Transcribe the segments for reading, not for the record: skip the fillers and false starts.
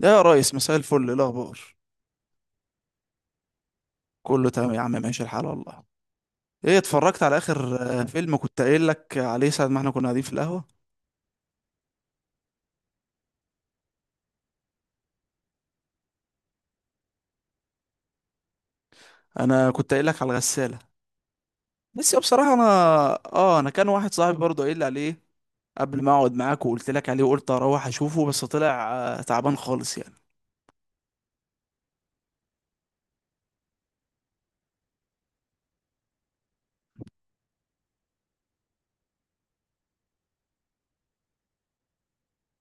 يا ريس، مساء الفل، إيه الاخبار؟ كله تمام يا عم، ماشي الحال والله. ايه، اتفرجت على اخر فيلم كنت قايل لك عليه ساعه ما احنا كنا قاعدين في القهوه؟ انا كنت قايل لك على الغساله، بس بصراحه انا... اه، انا كان واحد صاحبي برضه قايل لي عليه قبل ما اقعد معاك وقلت لك عليه، وقلت اروح اشوفه بس طلع تعبان خالص يعني.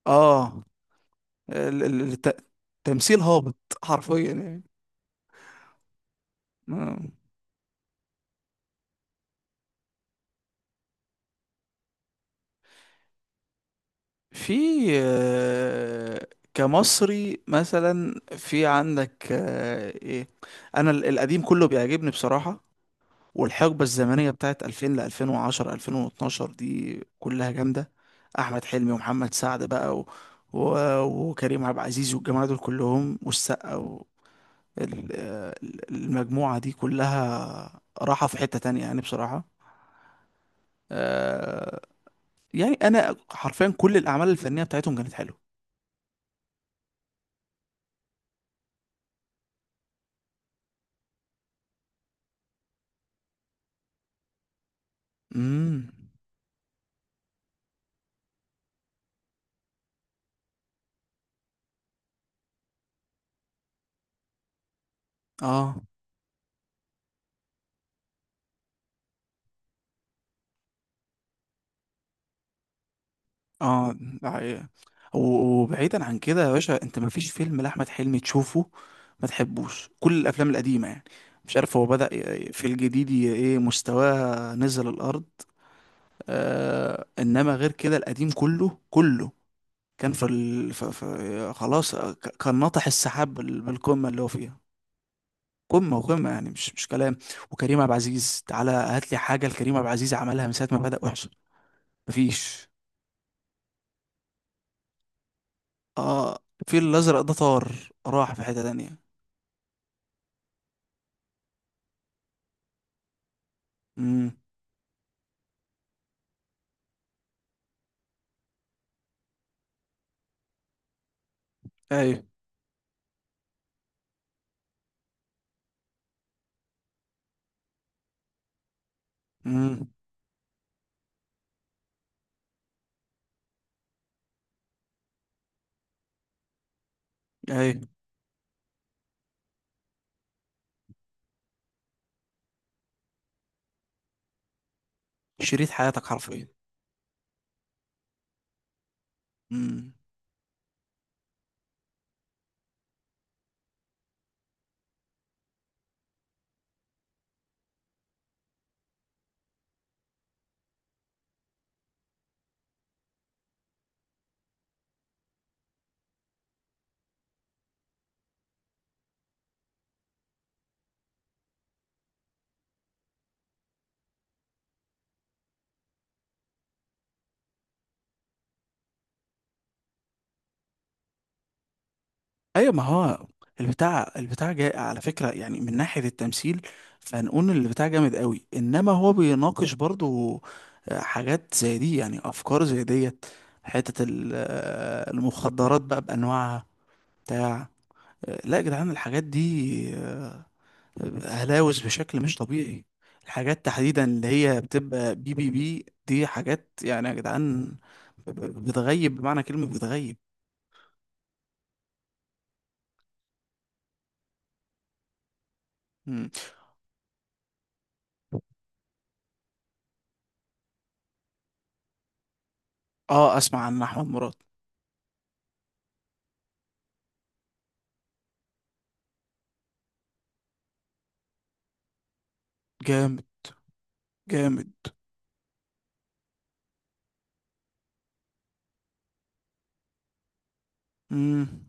اه. ال- ال- الت- تمثيل هابط، حرفيا يعني. آه. في كمصري مثلا في عندك ايه، انا القديم كله بيعجبني بصراحة. والحقبة الزمنية بتاعت 2000 ل 2010 2012 دي كلها جامدة. احمد حلمي ومحمد سعد بقى و... و... وكريم عبد العزيز والجماعة دول كلهم والسقا و... المجموعة دي كلها راحة في حتة تانية يعني بصراحة. آه، يعني انا حرفيا كل الاعمال الفنية بتاعتهم كانت حلوة. امم اه، اه، ده حقيقة. وبعيدا عن كده يا باشا، انت مفيش فيلم لاحمد حلمي تشوفه ما تحبوش؟ كل الافلام القديمه يعني، مش عارف هو بدأ في الجديد، ايه، مستواه نزل الارض. آه، انما غير كده القديم كله كله كان في, ال... في... في... خلاص. كان ناطح السحاب بالقمه اللي هو فيها. قمه وقمه يعني، مش كلام. وكريم عبد العزيز، تعالى هات لي حاجه لكريم عبد العزيز عملها من ساعه ما بدأ وحش، مفيش. اه، الفيل الازرق ده طار راح في حتة تانية. امم. ايوه. امم. ايوه. شريط حياتك حرفيا. امم. ايوه، ما هو البتاع جاي على فكرة يعني، من ناحية التمثيل فنقول ان البتاع جامد قوي، انما هو بيناقش برضو حاجات زي دي، يعني افكار زي ديت. حتة المخدرات بقى بانواعها بتاع. لا يا جدعان، الحاجات دي آه، هلاوس بشكل مش طبيعي. الحاجات تحديدا اللي هي بتبقى بي دي حاجات يعني يا جدعان، بتغيب بمعنى كلمة بتغيب. مم. اه، اسمع عن احمد مراد. جامد، جامد. امم.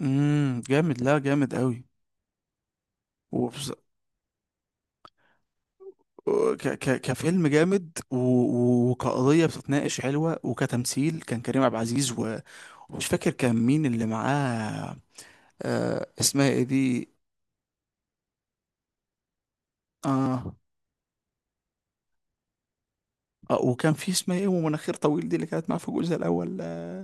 امم. جامد، لا جامد قوي. وبص... كفيلم جامد وكقضية بتتناقش حلوة، وكتمثيل كان كريم عبد العزيز و... ومش فاكر كان مين اللي معاه. اسمها ايه دي؟ اه، اه، وكان في اسمها ايه ومناخير طويل دي اللي كانت معاه في الجزء الاول.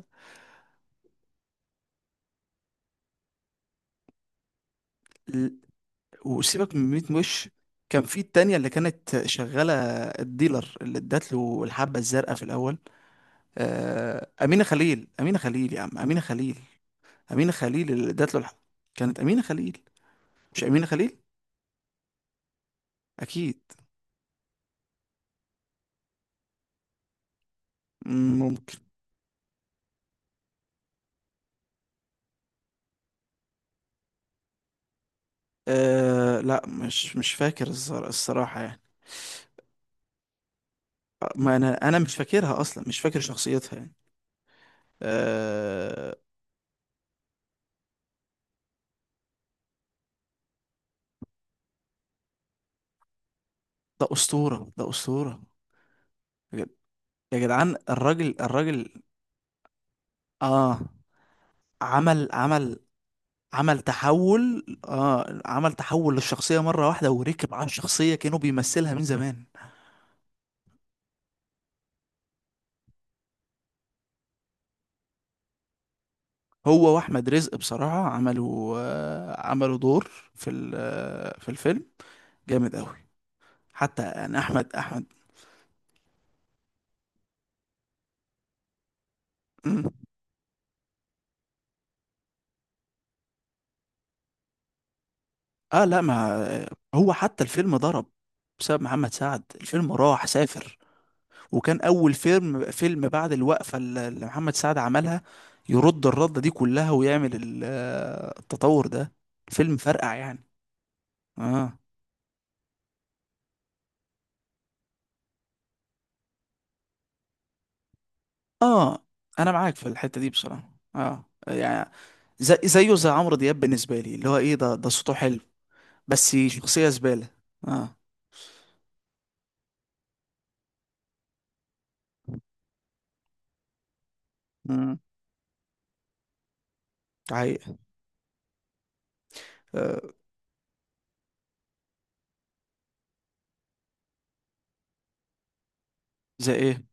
ال- وسيبك من 100 وش. كان في التانية اللي كانت شغالة، الديلر اللي ادت له الحبة الزرقاء في الأول. أمينة خليل، أمينة خليل يا عم، أمينة خليل. أمينة خليل اللي ادت له الحبة، كانت أمينة خليل، مش أمينة خليل أكيد. مم، ممكن. أه، لا مش فاكر الصراحة يعني. ما أنا مش فاكرها أصلا، مش فاكر شخصيتها يعني. أه. ده أسطورة، ده أسطورة. يا جدعان، الراجل الراجل. اه، عمل عمل عمل تحول، اه، عمل تحول للشخصية مرة واحدة وركب على الشخصية كانوا بيمثلها من زمان. هو واحمد رزق بصراحة عملوا، عملوا دور في ال- آه في الفيلم جامد قوي. حتى يعني، احمد، احمد. مم. اه، لا ما هو حتى الفيلم ضرب بسبب محمد سعد، الفيلم راح سافر. وكان اول فيلم بعد الوقفه اللي محمد سعد عملها، يرد الرده دي كلها ويعمل التطور ده، فيلم فرقع يعني. اه، اه، انا معاك في الحته دي بصراحه، اه يعني، زي زيه زي عمرو دياب بالنسبه لي، اللي هو ايه، ده صوته حلو بس شخصيه زباله. اه. امم حقيقة. آه. زي ايه؟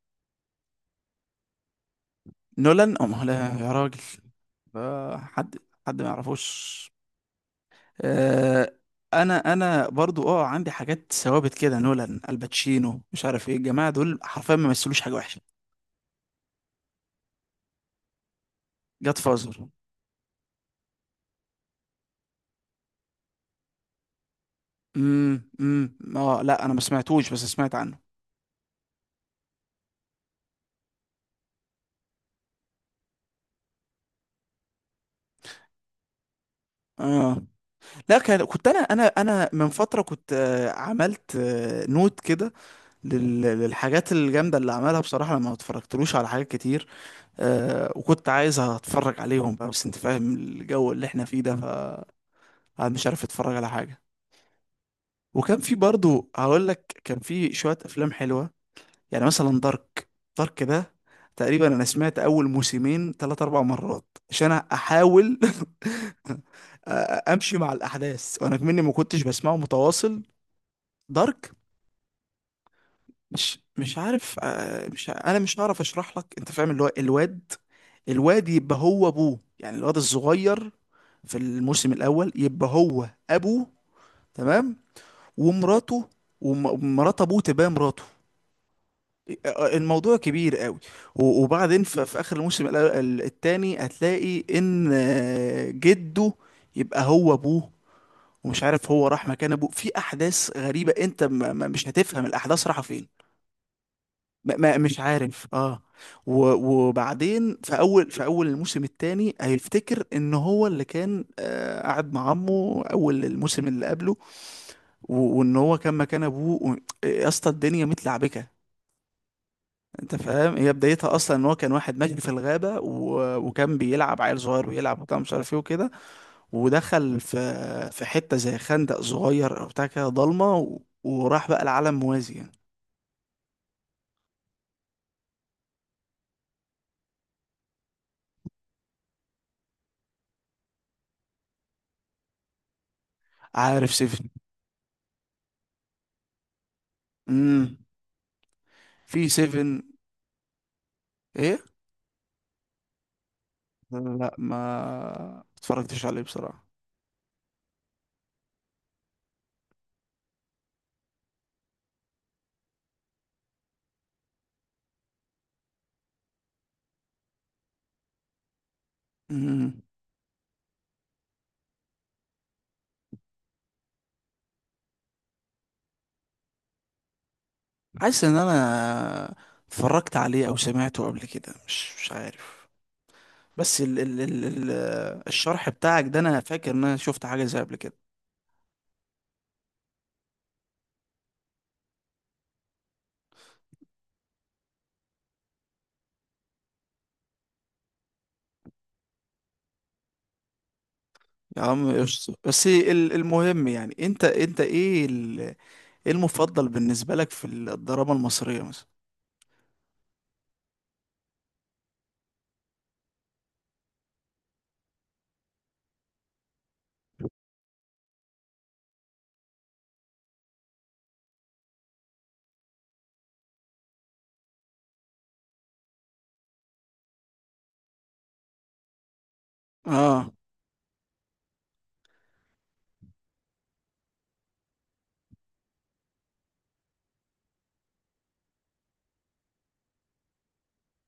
نولان ام لا يا راجل؟ آه. حد ما يعرفوش. آه، انا برضو اه، عندي حاجات ثوابت كده، نولان، الباتشينو، مش عارف ايه، الجماعه دول حرفيا ما مثلوش حاجه وحشه. جاد فازر. امم، امم. اه، لا انا ما سمعتوش بس سمعت عنه. اه، لا كنت انا من فتره كنت عملت نوت كده للحاجات الجامده اللي عملها بصراحه، لما ما اتفرجتلوش على حاجات كتير. وكنت عايز اتفرج عليهم بقى، بس انت فاهم الجو اللي احنا فيه ده، فمش عارف اتفرج على حاجه. وكان في برضو، هقول لك كان في شوية افلام حلوة، يعني مثلا دارك. دارك ده تقريبا انا سمعت اول موسمين ثلاث اربع مرات عشان احاول امشي مع الاحداث، وانا مني ما كنتش بسمعه متواصل. دارك مش عارف. آه، مش ع- انا مش هعرف اشرح لك، انت فاهم اللي هو الواد، الواد يبقى هو ابوه يعني، الواد الصغير في الموسم الاول يبقى هو ابوه. تمام. ومراته، ومرات ابوه تبقى مراته. الموضوع كبير قوي. وبعدين في اخر الموسم التاني هتلاقي ان جده يبقى هو ابوه. ومش عارف هو راح مكان ابوه في احداث غريبة، انت مش هتفهم الاحداث رايحة فين. مش عارف. اه. وبعدين في اول الموسم التاني هيفتكر ان هو اللي كان قاعد مع عمه اول الموسم اللي قبله، وان هو كان مكان ابوه يا اسطى الدنيا متلعبكه. انت فاهم، هي بدايتها اصلا ان هو كان واحد ماشي في الغابه و... وكان بيلعب عيل صغير ويلعب وبتاع مش عارف ايه وكده، ودخل في حته زي خندق صغير او بتاع كده ضلمه، وراح بقى العالم موازي يعني. عارف سيفن. امم. في سيفن؟ ايه؟ لا، ما اتفرجتش عليه بصراحه. امم، حاسس ان انا اتفرجت عليه او سمعته قبل كده، مش عارف. بس الشرح بتاعك ده، انا فاكر ان انا شفت حاجه زي قبل كده. يا عم قشطة، بس المهم يعني، انت ايه ايه المفضل بالنسبة لك في الدراما المصرية مثلا؟ اه.